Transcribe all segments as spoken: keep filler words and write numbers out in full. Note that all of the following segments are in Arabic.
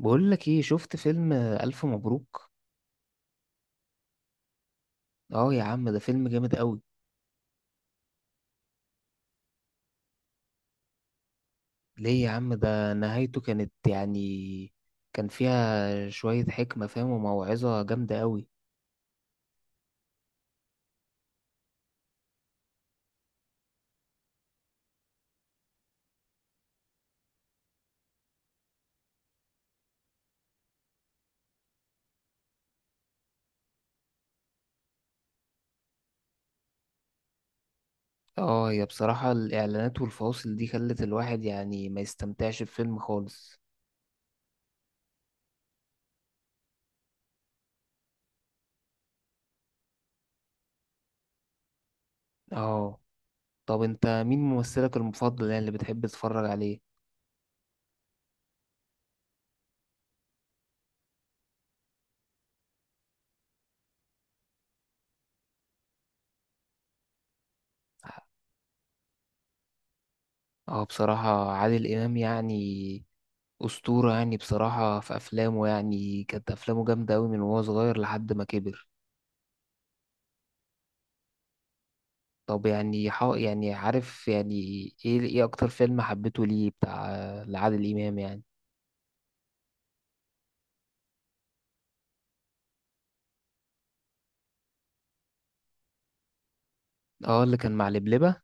بقول لك ايه؟ شفت فيلم الف مبروك؟ اه يا عم، ده فيلم جامد قوي. ليه يا عم؟ ده نهايته كانت يعني، كان فيها شوية حكمة، فاهم، وموعظة جامدة قوي. اه، هي بصراحة الاعلانات والفواصل دي خلت الواحد يعني ما يستمتعش بفيلم خالص. اه، طب انت مين ممثلك المفضل يعني اللي بتحب تتفرج عليه؟ اه بصراحة عادل امام يعني أسطورة، يعني بصراحة. في أفلامه يعني كانت أفلامه جامدة أوي من وهو صغير لحد ما كبر. طب يعني حا... يعني عارف يعني، ايه ايه اكتر فيلم حبيته، ليه بتاع، لعادل امام يعني؟ اه، اللي كان مع لبلبة.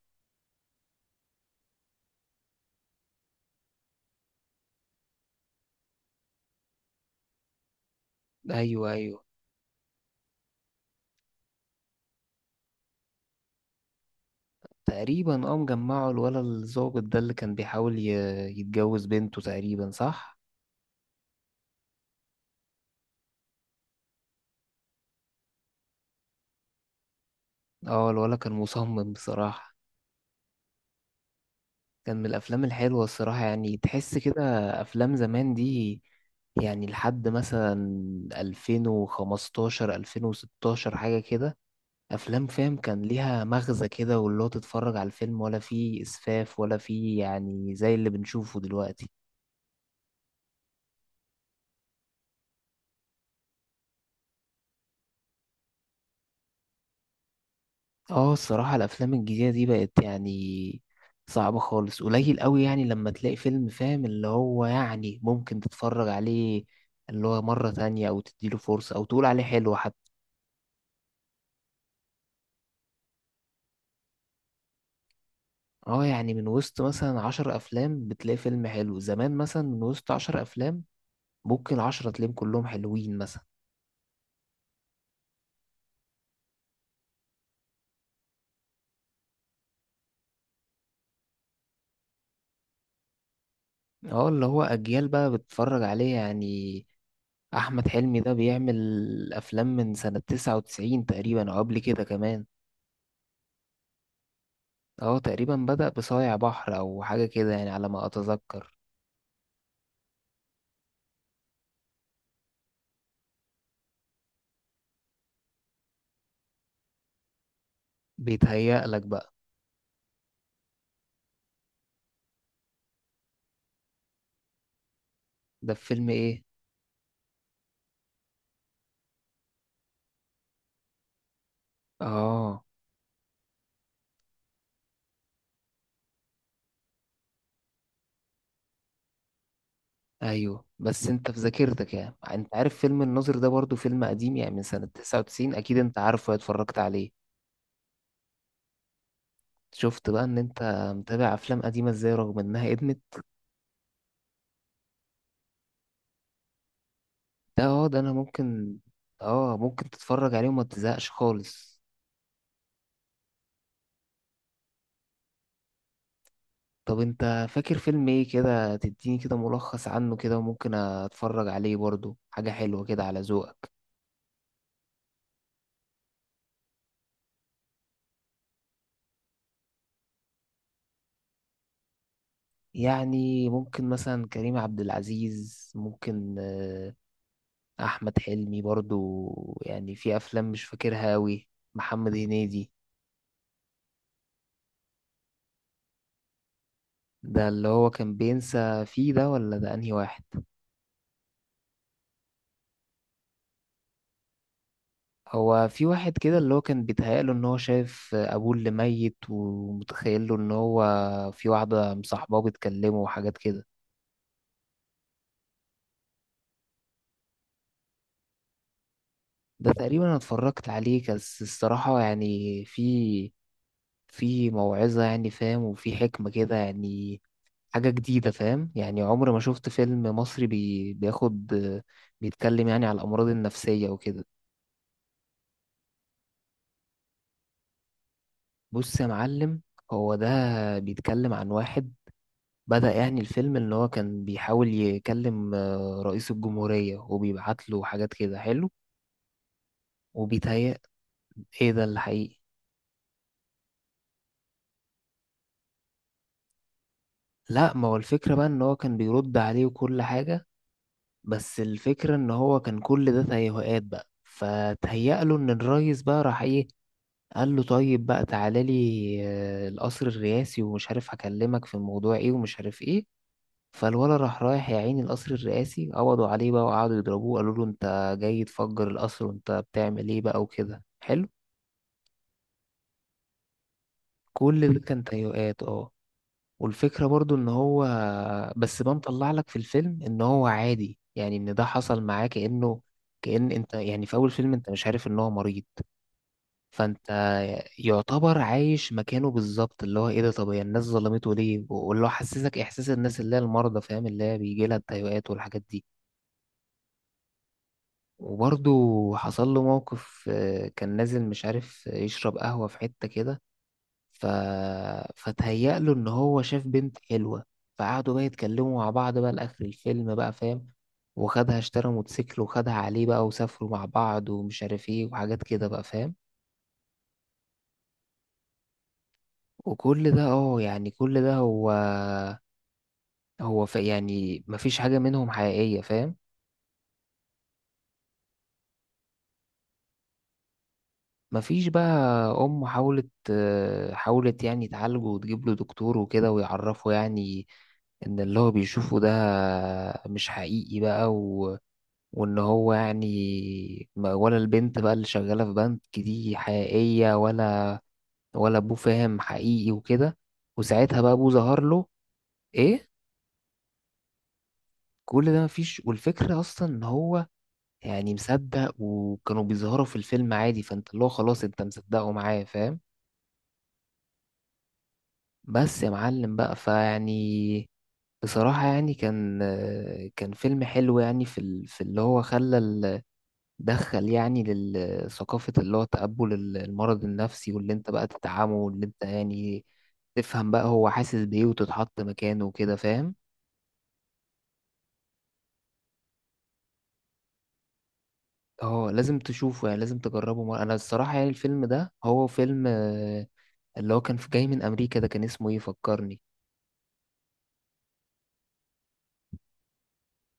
ايوه، ايوه. تقريبا اه، مجمعه. الولا الظابط ده اللي كان بيحاول ي... يتجوز بنته تقريبا، صح؟ اه، الولا كان مصمم بصراحة. كان من الافلام الحلوة الصراحة يعني، تحس كده افلام زمان دي، يعني لحد مثلا ألفين وخمستاشر ألفين وستاشر حاجة كده، افلام فاهم كان ليها مغزى كده، واللي هو تتفرج على الفيلم ولا فيه اسفاف، ولا فيه يعني زي اللي بنشوفه دلوقتي. اه الصراحة، الافلام الجديدة دي بقت يعني صعبة خالص. قليل قوي يعني لما تلاقي فيلم فاهم، اللي هو يعني ممكن تتفرج عليه اللي هو مرة تانية، او تديله فرصة، او تقول عليه حلو حتى. اه، يعني من وسط مثلا عشر افلام بتلاقي فيلم حلو. زمان مثلا من وسط عشر افلام، ممكن عشرة تلاقيهم كلهم حلوين مثلا. اه اللي هو اجيال بقى بتتفرج عليه يعني. احمد حلمي ده بيعمل افلام من سنة تسعة وتسعين تقريبا، او قبل كده كمان. اه، تقريبا بدأ بصايع بحر او حاجة كده يعني، على ما اتذكر. بيتهيأ لك بقى. ده في فيلم ايه؟ اه، ايوه، بس انت في ذاكرتك يعني، انت عارف فيلم الناظر ده برضو، فيلم قديم يعني من سنة تسعة وتسعين اكيد. انت عارفه، اتفرجت عليه. شفت بقى ان انت متابع افلام قديمة ازاي، رغم انها ادمت. ده اه ده، انا ممكن. اه، ممكن تتفرج عليه وما تزهقش خالص. طب انت فاكر فيلم ايه كده؟ تديني كده ملخص عنه كده، وممكن اتفرج عليه برضو، حاجة حلوة كده على ذوقك. يعني ممكن مثلا كريم عبد العزيز، ممكن، آه، احمد حلمي برضو. يعني في افلام مش فاكرها اوي. محمد هنيدي. ده اللي هو كان بينسى فيه، ده ولا ده انهي واحد؟ هو في واحد كده اللي هو كان بيتهيأله ان هو شايف ابوه اللي ميت، ومتخيله ان هو في واحدة مصاحباه بتكلمه، وحاجات كده. ده تقريبا انا اتفرجت عليه، بس الصراحة يعني في في موعظة يعني، فاهم، وفي حكمة كده يعني، حاجة جديدة، فاهم، يعني عمري ما شفت فيلم مصري بي بياخد بيتكلم يعني على الأمراض النفسية وكده. بص يا معلم، هو ده بيتكلم عن واحد بدأ يعني الفيلم إن هو كان بيحاول يكلم آه، رئيس الجمهورية، وبيبعت له حاجات كده حلو. وبيتهيأ إيه ده الحقيقي. لا، ما هو الفكرة بقى إن هو كان بيرد عليه وكل حاجة، بس الفكرة ان هو كان كل ده تهيؤات بقى. فتهيأ له ان الريس بقى راح ايه، قال له طيب بقى تعالى لي آه، القصر الرئاسي، ومش عارف هكلمك في الموضوع ايه، ومش عارف ايه. فالولا راح رايح يا عيني القصر الرئاسي، قبضوا عليه بقى، وقعدوا يضربوه، قالوا له انت جاي تفجر القصر، وانت بتعمل ايه بقى، وكده حلو. كل ده كان تهيؤات، اه. والفكرة برضو ان هو، بس بنطلع لك في الفيلم، ان هو عادي يعني، ان ده حصل معاه كأنه، كأن انت يعني في اول فيلم انت مش عارف ان هو مريض. فانت يعتبر عايش مكانه بالظبط، اللي هو ايه ده، طب هي الناس ظلمته ليه؟ واللي هو حسسك احساس الناس اللي هي المرضى، فاهم، اللي هي بيجي لها التهيؤات والحاجات دي. وبرضو حصل له موقف آه، كان نازل مش عارف يشرب قهوة في حتة كده، ف... فتهيأ له ان هو شاف بنت حلوة. فقعدوا بقى يتكلموا مع بعض بقى لاخر الفيلم بقى، فاهم، وخدها اشترى موتوسيكل وخدها عليه بقى، وسافروا مع بعض، ومش عارف ايه، وحاجات كده بقى، فاهم. وكل ده اه يعني، كل ده هو هو ف... يعني مفيش حاجة منهم حقيقية، فاهم. مفيش بقى. أم حاولت آه، حاولت يعني تعالجه، وتجيب له دكتور وكده، ويعرفه يعني إن اللي هو بيشوفه ده مش حقيقي بقى، و... وان هو يعني ما- ولا البنت بقى اللي شغالة في بنك دي حقيقية، ولا ولا ابوه، فاهم، حقيقي وكده. وساعتها بقى ابوه ظهر له. ايه، كل ده مفيش؟ والفكرة اصلا ان هو يعني مصدق، وكانوا بيظهروا في الفيلم عادي، فانت اللي هو خلاص انت مصدقه معاه، فاهم. بس يا معلم بقى، فيعني بصراحة يعني، كان كان فيلم حلو، يعني في ال... في اللي هو خلى دخل يعني للثقافة، اللي هو تقبل ال- المرض النفسي، واللي انت بقى تدعمه، واللي انت يعني تفهم بقى هو حاسس بإيه، وتتحط مكانه وكده، فاهم. اه، لازم تشوفه يعني، لازم تجربه مرة. انا الصراحة يعني الفيلم ده هو فيلم آه، اللي هو كان في جاي من امريكا ده، كان اسمه ايه؟ فكرني.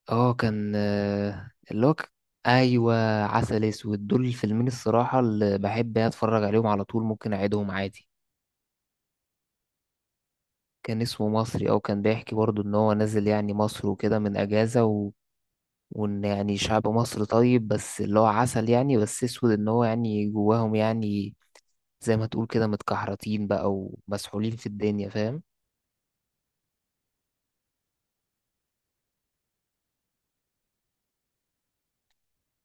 اه كان آه، اللي هو ك- ايوه، عسل اسود. دول الفيلمين الصراحة اللي بحب يعني اتفرج عليهم على طول، ممكن اعيدهم عادي. كان اسمه مصري، او كان بيحكي برضو ان هو نازل يعني مصر وكده من اجازة، و... وان يعني شعب مصر طيب، بس اللي هو عسل يعني، بس اسود ان هو يعني جواهم يعني، زي ما تقول كده متكحرتين بقى ومسحولين في الدنيا، فاهم.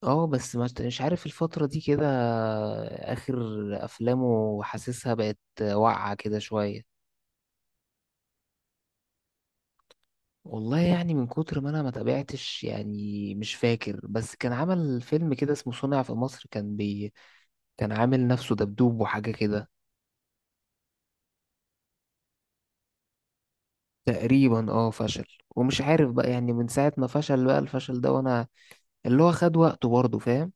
اه بس ما- مش عارف الفترة دي كده، اخر افلامه حاسسها بقت واقعة كده شوية. والله يعني من كتر ما انا ما تابعتش يعني مش فاكر، بس كان عمل فيلم كده اسمه صنع في مصر، كان بي كان عامل نفسه دبدوب وحاجة كده. تقريبا اه فشل. ومش عارف بقى يعني من ساعة ما فشل بقى الفشل ده، وانا اللي هو خد وقته برضه، فاهم.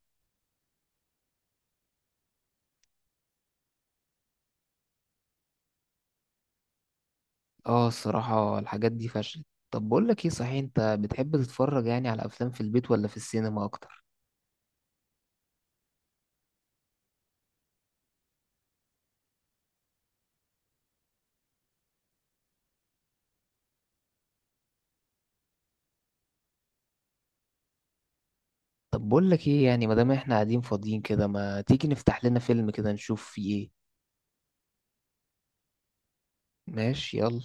اه الصراحة الحاجات دي فشلت. طب بقول لك ايه، صحيح انت بتحب تتفرج يعني على افلام في البيت ولا في السينما اكتر؟ طب بقول لك ايه، يعني ما دام احنا قاعدين فاضيين كده، ما تيجي نفتح لنا فيلم كده نشوف فيه ايه؟ ماشي، يلا.